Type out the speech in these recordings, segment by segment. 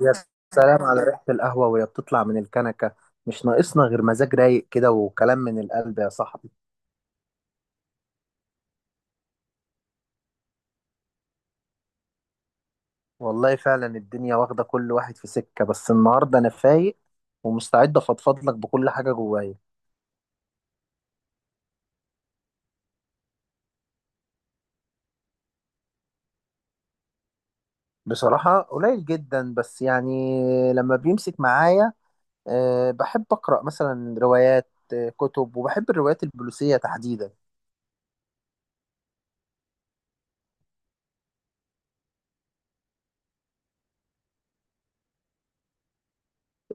يا سلام على ريحة القهوة وهي بتطلع من الكنكة. مش ناقصنا غير مزاج رايق كده وكلام من القلب يا صاحبي. والله فعلا الدنيا واخدة كل واحد في سكة، بس النهاردة أنا فايق ومستعد أفضفض لك بكل حاجة جوايا. بصراحة قليل جدا، بس يعني لما بيمسك معايا بحب أقرأ مثلا روايات، كتب، وبحب الروايات البوليسية تحديدا.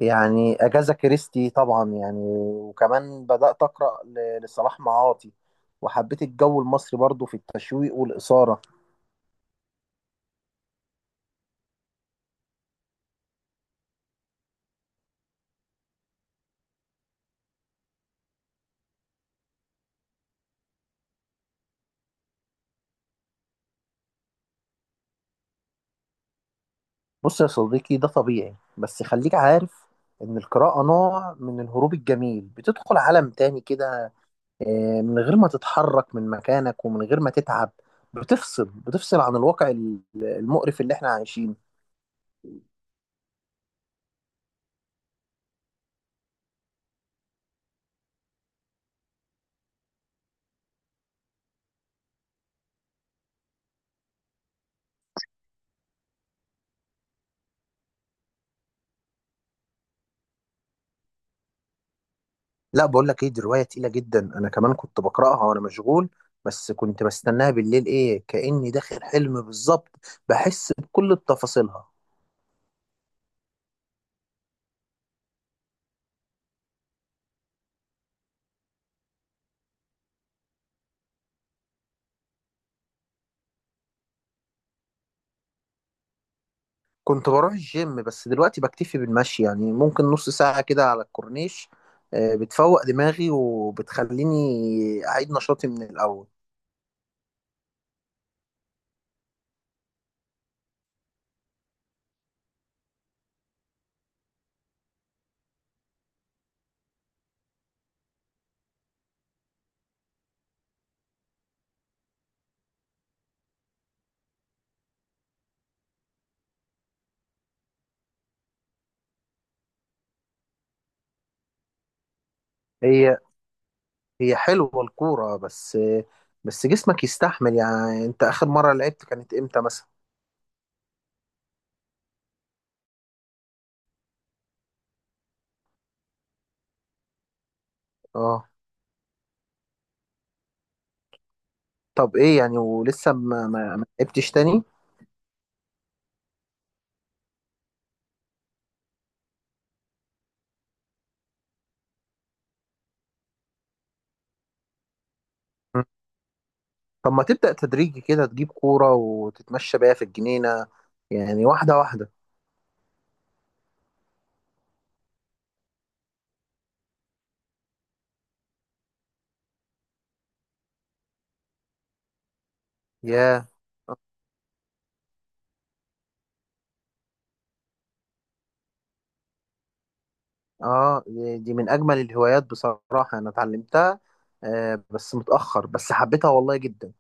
يعني أجاثا كريستي طبعا، يعني وكمان بدأت أقرأ لصلاح معاطي، وحبيت الجو المصري برضو في التشويق والإثارة. بص يا صديقي، ده طبيعي، بس خليك عارف إن القراءة نوع من الهروب الجميل، بتدخل عالم تاني كده، من غير ما تتحرك من مكانك ومن غير ما تتعب. بتفصل عن الواقع المقرف اللي احنا عايشينه. لا، بقول لك ايه، دي روايه تقيله جدا، انا كمان كنت بقراها وانا مشغول، بس كنت بستناها بالليل، ايه كاني داخل حلم بالظبط، بحس بكل تفاصيلها. كنت بروح الجيم، بس دلوقتي بكتفي بالمشي، يعني ممكن نص ساعه كده على الكورنيش. بتفوق دماغي وبتخليني اعيد نشاطي من الاول. هي هي حلوه الكوره، بس بس جسمك يستحمل. يعني انت اخر مره لعبت كانت امتى مثلا؟ اه. طب ايه يعني؟ ولسه ما لعبتش تاني؟ طب ما تبدأ تدريجي كده، تجيب كورة وتتمشى بيها في الجنينة، يعني واحدة واحدة. يا اه، دي من أجمل الهوايات بصراحة، أنا اتعلمتها بس متأخر، بس حبيتها والله جدا.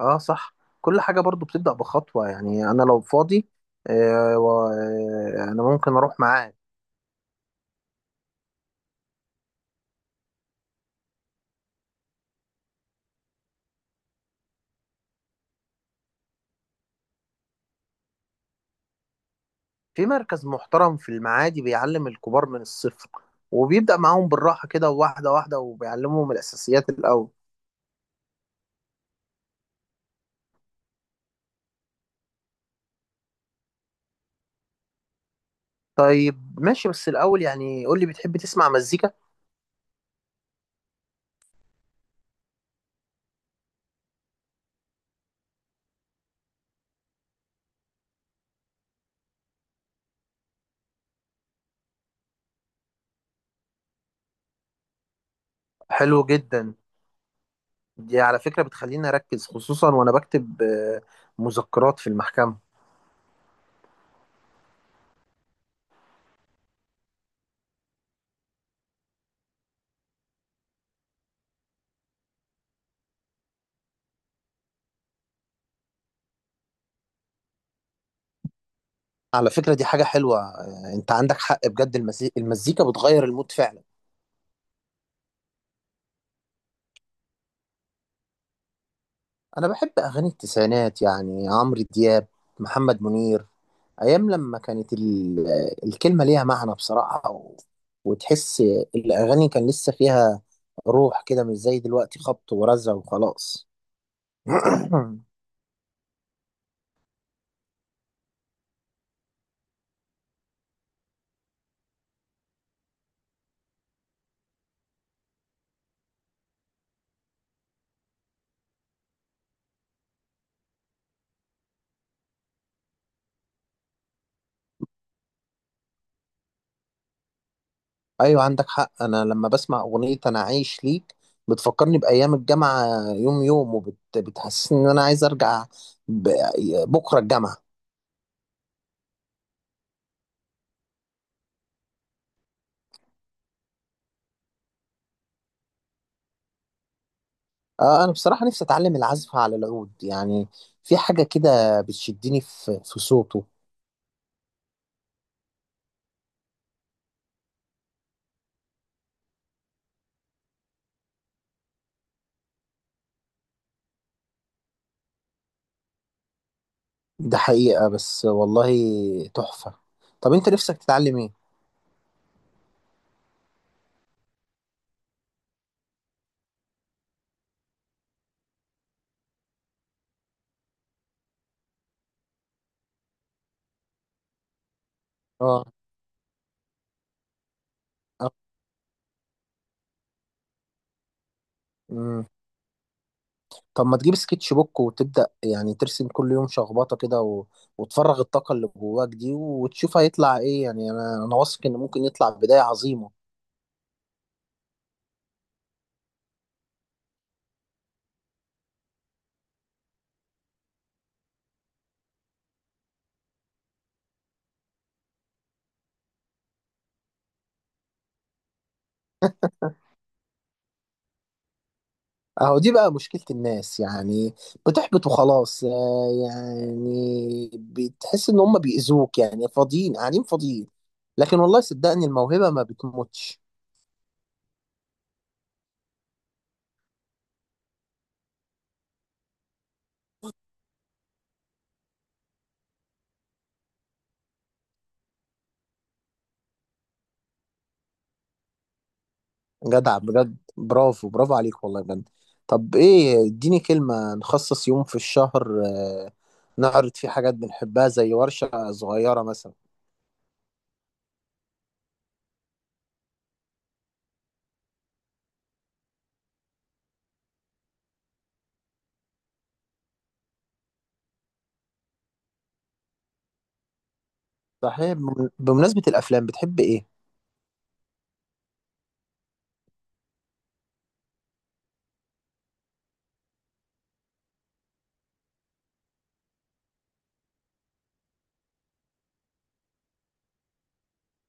اه صح، كل حاجة برضو بتبدأ بخطوة. يعني أنا لو فاضي، أنا ممكن أروح معاك. في مركز محترم في المعادي بيعلم الكبار من الصفر، وبيبدأ معاهم بالراحة كده واحدة واحدة، وبيعلمهم الأساسيات الأول. طيب ماشي، بس الأول يعني قول لي، بتحب تسمع مزيكا؟ حلو جدا، دي على فكرة بتخليني أركز، خصوصا وأنا بكتب مذكرات في المحكمة. على فكرة دي حاجة حلوة، أنت عندك حق بجد، المزيكا بتغير المود فعلا. أنا بحب أغاني التسعينات، يعني عمرو دياب، محمد منير، أيام لما كانت الكلمة ليها معنى بصراحة، وتحس الأغاني كان لسه فيها روح كده، مش زي دلوقتي خبط ورزع وخلاص. ايوه عندك حق، انا لما بسمع اغنيه انا عايش ليك، بتفكرني بايام الجامعه، يوم يوم، وبتحسسني ان انا عايز ارجع ب- بكره الجامعه. انا بصراحه نفسي اتعلم العزف على العود، يعني في حاجه كده بتشدني في صوته. ده حقيقه، بس والله تحفه. طب انت نفسك تتعلم ايه؟ اه، آه، مم. طب ما تجيب سكتش بوك وتبدأ يعني ترسم كل يوم شخبطة كده، و... وتفرغ الطاقة اللي جواك دي، وتشوف هيطلع ايه. يعني انا انا واثق ان ممكن يطلع بداية عظيمة. اهو دي بقى مشكلة الناس، يعني بتحبط وخلاص، يعني بتحس ان هم بيأذوك، يعني فاضيين قاعدين فاضيين، لكن والله صدقني الموهبة ما بتموتش. جدع بجد، برافو برافو عليك والله بجد. طب ايه، اديني كلمة نخصص يوم في الشهر نعرض فيه حاجات بنحبها، زي ورشة صغيرة مثلا. صحيح، بمناسبة الأفلام، بتحب ايه؟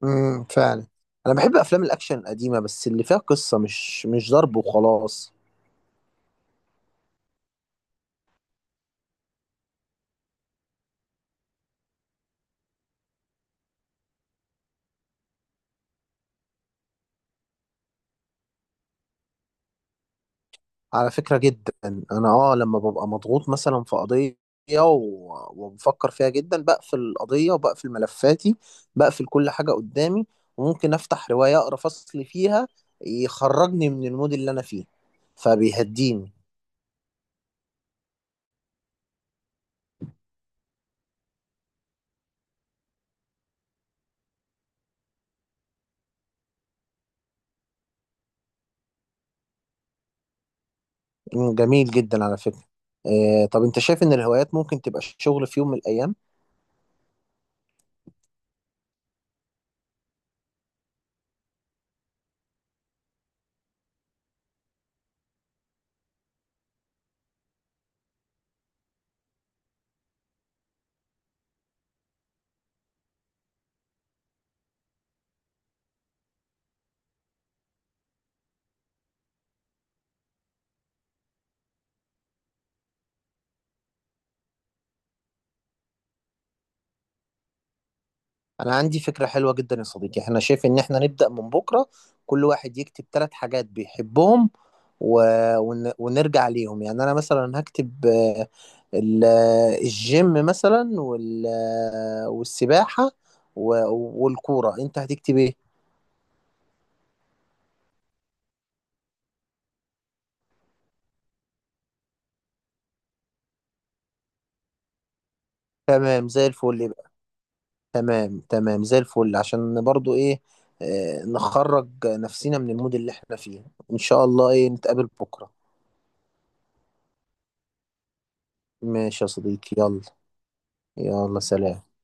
فعلا، أنا بحب أفلام الأكشن القديمة، بس اللي فيها قصة، مش ضرب وخلاص. على فكرة جدا، انا اه لما ببقى مضغوط مثلا في قضية، وبفكر فيها جدا، بقفل القضية وبقفل ملفاتي، بقفل كل حاجة قدامي، وممكن افتح رواية اقرا فصل فيها، يخرجني من المود اللي انا فيه، فبيهديني. مم، جميل جدا على فكرة. طب انت شايف ان الهوايات ممكن تبقى شغل في يوم من الايام؟ انا عندي فكرة حلوة جدا يا صديقي، احنا شايف ان احنا نبدأ من بكرة، كل واحد يكتب 3 حاجات بيحبهم، و... ونرجع عليهم. يعني انا مثلا هكتب آه، ال... آه، الجيم مثلا، وال... آه، والسباحة، و... والكورة. انت هتكتب ايه؟ تمام زي الفل يبقى. تمام تمام زي الفل، عشان برضو ايه، نخرج نفسنا من المود اللي احنا فيه. ان شاء الله ايه نتقابل بكرة. ماشي يا صديقي، يلا. يلا سلام.